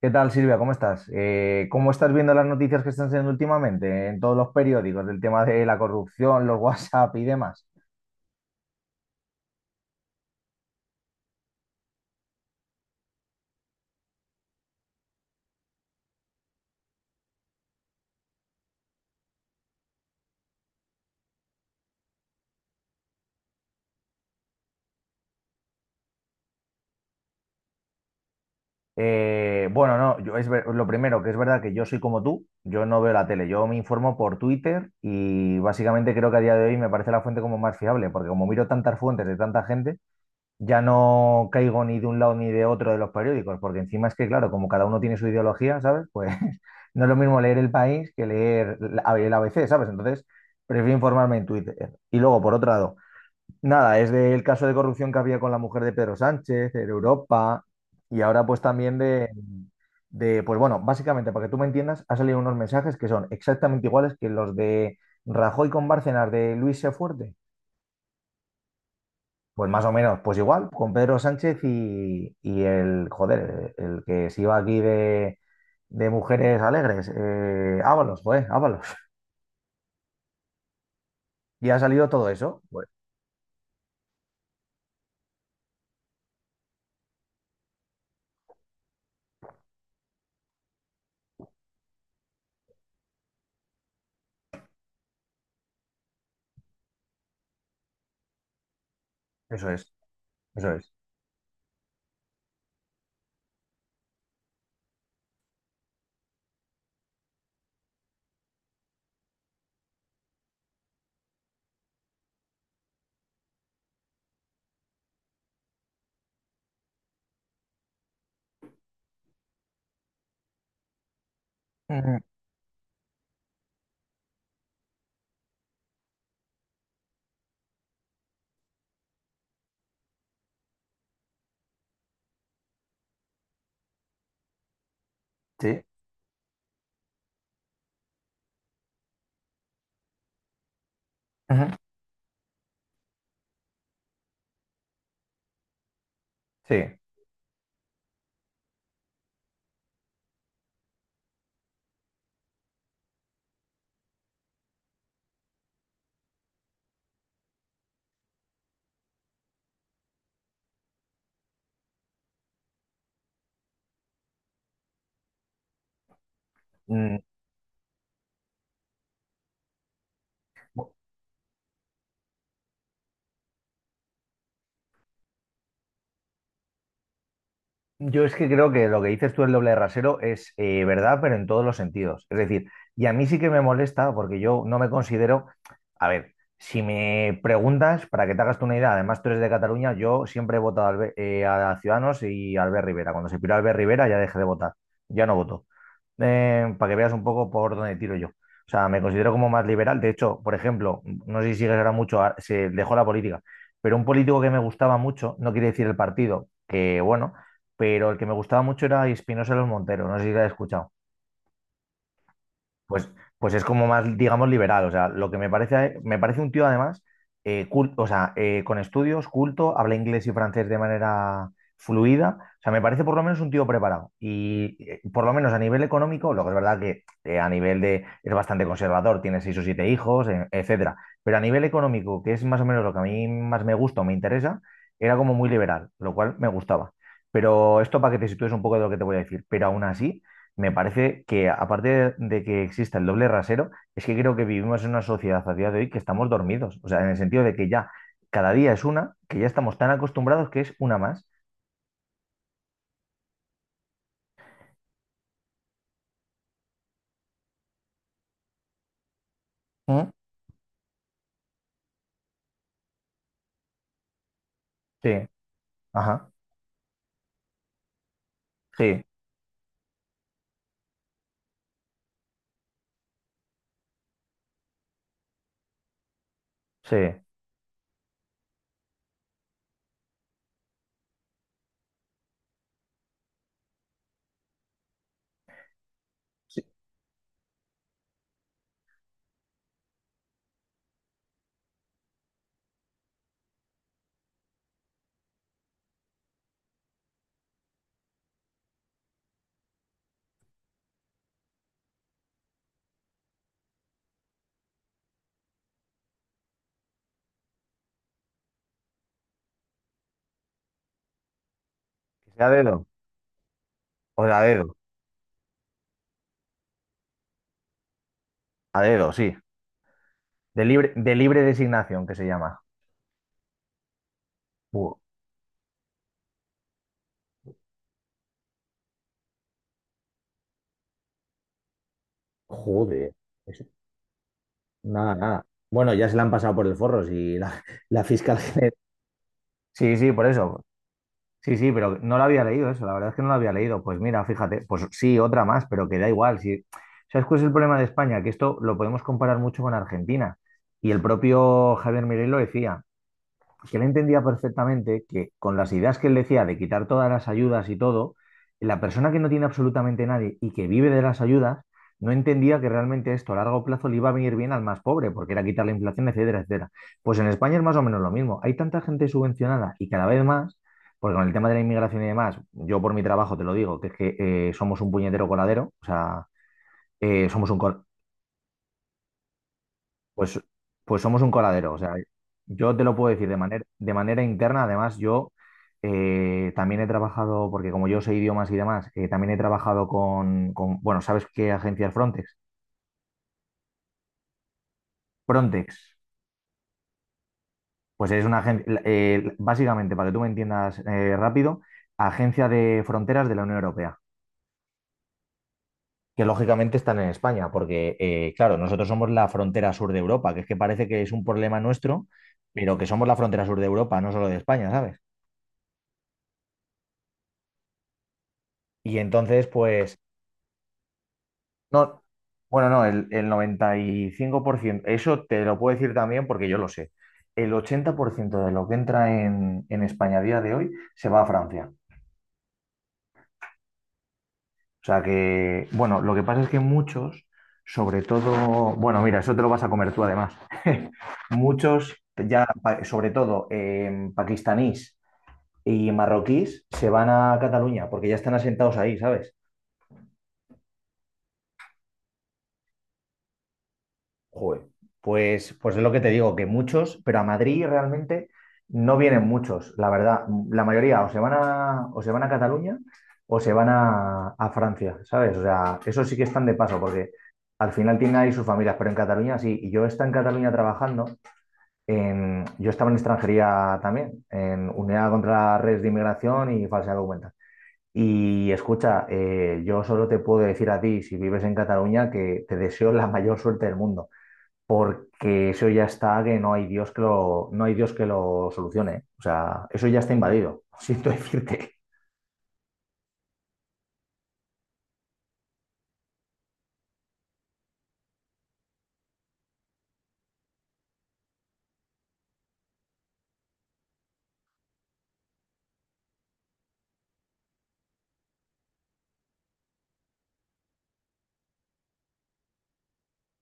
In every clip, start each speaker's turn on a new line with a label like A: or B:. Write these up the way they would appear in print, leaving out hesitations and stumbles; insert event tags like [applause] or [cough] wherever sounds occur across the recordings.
A: ¿Qué tal, Silvia? ¿Cómo estás? ¿Cómo estás viendo las noticias que están siendo últimamente en todos los periódicos del tema de la corrupción, los [laughs] WhatsApp y demás? Bueno, no, lo primero que es verdad que yo soy como tú, yo no veo la tele, yo me informo por Twitter y básicamente creo que a día de hoy me parece la fuente como más fiable, porque como miro tantas fuentes de tanta gente, ya no caigo ni de un lado ni de otro de los periódicos, porque encima es que, claro, como cada uno tiene su ideología, ¿sabes? Pues [laughs] no es lo mismo leer El País que leer el ABC, ¿sabes? Entonces, prefiero informarme en Twitter. Y luego, por otro lado, nada, es del caso de corrupción que había con la mujer de Pedro Sánchez, en Europa, y ahora pues también de pues bueno, básicamente, para que tú me entiendas, ha salido unos mensajes que son exactamente iguales que los de Rajoy con Bárcenas de Luis Sefuerte, pues más o menos, pues igual, con Pedro Sánchez y el, joder, el que se iba aquí de Mujeres Alegres, Ábalos, joder, Ábalos. Y ha salido todo eso. Pues eso es, eso es. Ujú. Sí, ujú. Sí. Mm. Yo es que creo que lo que dices tú el doble de rasero es verdad, pero en todos los sentidos. Es decir, y a mí sí que me molesta porque yo no me considero, a ver, si me preguntas, para que te hagas tú una idea, además tú eres de Cataluña, yo siempre he votado a Ciudadanos y a Albert Rivera. Cuando se piró Albert Rivera ya dejé de votar, ya no voto. Para que veas un poco por dónde tiro yo. O sea, me considero como más liberal. De hecho, por ejemplo, no sé si sigues ahora mucho, se dejó la política, pero un político que me gustaba mucho, no quiere decir el partido, que bueno, pero el que me gustaba mucho era Espinosa de los Monteros, no sé si lo has escuchado. Pues, pues, es como más, digamos, liberal. O sea, lo que me parece un tío además, o sea, con estudios, culto, habla inglés y francés de manera fluida. O sea, me parece por lo menos un tío preparado. Y por lo menos a nivel económico, lo que es verdad que a nivel de es bastante conservador, tiene seis o siete hijos, etcétera. Pero a nivel económico, que es más o menos lo que a mí más me gusta o me interesa, era como muy liberal, lo cual me gustaba. Pero esto para que te sitúes un poco de lo que te voy a decir. Pero aún así me parece que, aparte de que exista el doble rasero, es que creo que vivimos en una sociedad a día de hoy que estamos dormidos. O sea, en el sentido de que ya cada día es una, que ya estamos tan acostumbrados que es una más. ¿Mm? Sí, ajá, sí, sí. Sí. Que sea a dedo, o de a dedo, sí. De libre designación, que se llama. Jo- Joder, eso- nada, nada. Bueno, ya se la han pasado por el forro, si la fiscal [laughs] general. Sí, sí, por eso. Sí, sí, pero no lo había leído eso, la verdad es que no lo había leído. Pues mira, fíjate, pues sí, otra más, pero que da igual. Sí. ¿Sabes cuál es el problema de España? Que esto lo podemos comparar mucho con Argentina. Y el propio Javier Milei lo decía, que él entendía perfectamente que con las ideas que él decía de quitar todas las ayudas y todo, la persona que no tiene absolutamente nadie y que vive de las ayudas, no entendía que realmente esto a largo plazo le iba a venir bien al más pobre, porque era quitar la inflación, etcétera, etcétera. Pues en España es más o menos lo mismo. Hay tanta gente subvencionada y cada vez más, porque con el tema de la inmigración y demás, yo por mi trabajo te lo digo, que es que somos un puñetero coladero, o sea, somos un, pues, pues somos un coladero, o sea, yo te lo puedo decir de manera, interna, además yo también he trabajado, porque como yo sé idiomas y demás, también he trabajado bueno, ¿sabes qué agencia es Frontex? Frontex, pues es una agencia, básicamente, para que tú me entiendas rápido, agencia de fronteras de la Unión Europea, que lógicamente están en España, porque claro, nosotros somos la frontera sur de Europa, que es que parece que es un problema nuestro, pero que somos la frontera sur de Europa, no solo de España, ¿sabes? Y entonces, pues no, bueno, no, el 95%, eso te lo puedo decir también porque yo lo sé. El 80% de lo que entra en España a día de hoy se va a Francia. O sea que, bueno, lo que pasa es que muchos, sobre todo, bueno, mira, eso te lo vas a comer tú además. [laughs] Muchos, ya, sobre todo pakistaníes y marroquíes, se van a Cataluña porque ya están asentados ahí, ¿sabes? Joder, pues es lo que te digo, que muchos, pero a Madrid realmente no vienen muchos, la verdad. La mayoría o se van a Cataluña o se van a Francia, ¿sabes? O sea, eso sí que están de paso, porque al final tienen ahí sus familias, pero en Cataluña sí. Y yo estaba en Cataluña trabajando, yo estaba en extranjería también, en Unidad contra Redes de Inmigración y Falsedad de Documental. Y escucha, yo solo te puedo decir a ti, si vives en Cataluña, que te deseo la mayor suerte del mundo porque eso ya está que no hay Dios que lo, no hay Dios que lo solucione. O sea, eso ya está invadido, [laughs] siento decirte.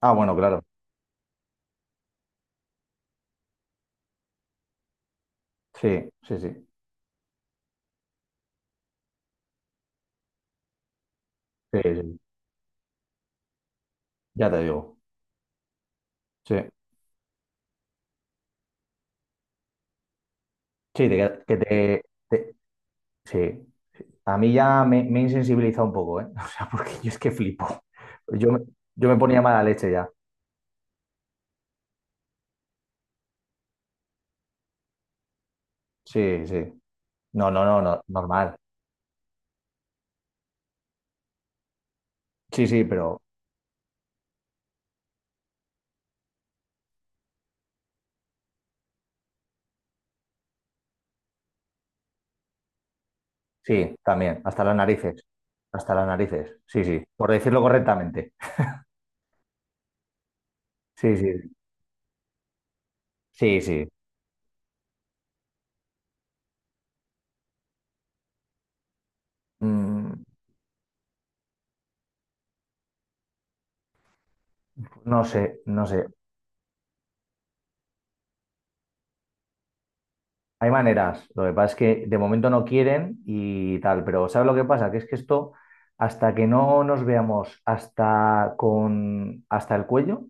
A: Ah, bueno, claro. Sí, sí, sí. Sí, sí. Ya te digo. Sí. Sí, de que te. Sí. A mí ya me he insensibilizado un poco, ¿eh? [laughs] O sea, porque yo es que flipo. Yo, me- yo me ponía mala leche ya. Sí, sí. No, no, no, no, normal. Sí, sí, pero sí, también. Hasta las narices. Hasta las narices. Sí, sí. Por decirlo correctamente. Sí, sí. Sí, sí. Mm, no sé, no sé. Hay maneras. Lo que pasa es que de momento no quieren y tal, pero ¿sabes lo que pasa? Que es que esto, hasta que no nos veamos hasta el cuello,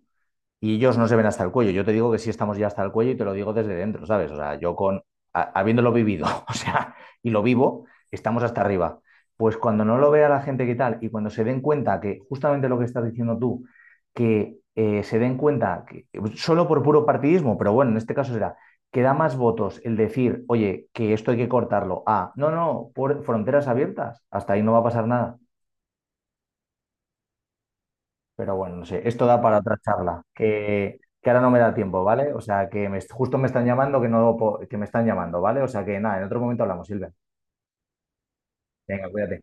A: y ellos no se ven hasta el cuello. Yo te digo que sí estamos ya hasta el cuello y te lo digo desde dentro, ¿sabes? O sea, habiéndolo vivido, [laughs] o sea, y lo vivo, estamos hasta arriba. Pues cuando no lo vea la gente que tal y cuando se den cuenta que justamente lo que estás diciendo tú, que se den cuenta, que, solo por puro partidismo, pero bueno, en este caso será, que da más votos el decir, oye, que esto hay que cortarlo, no, no, por fronteras abiertas, hasta ahí no va a pasar nada. Pero bueno, no sé, esto da para otra charla, que ahora no me da tiempo, ¿vale? O sea, que justo me están llamando, que no, que me están llamando, ¿vale? O sea, que nada, en otro momento hablamos, Silvia. Venga, cuídate.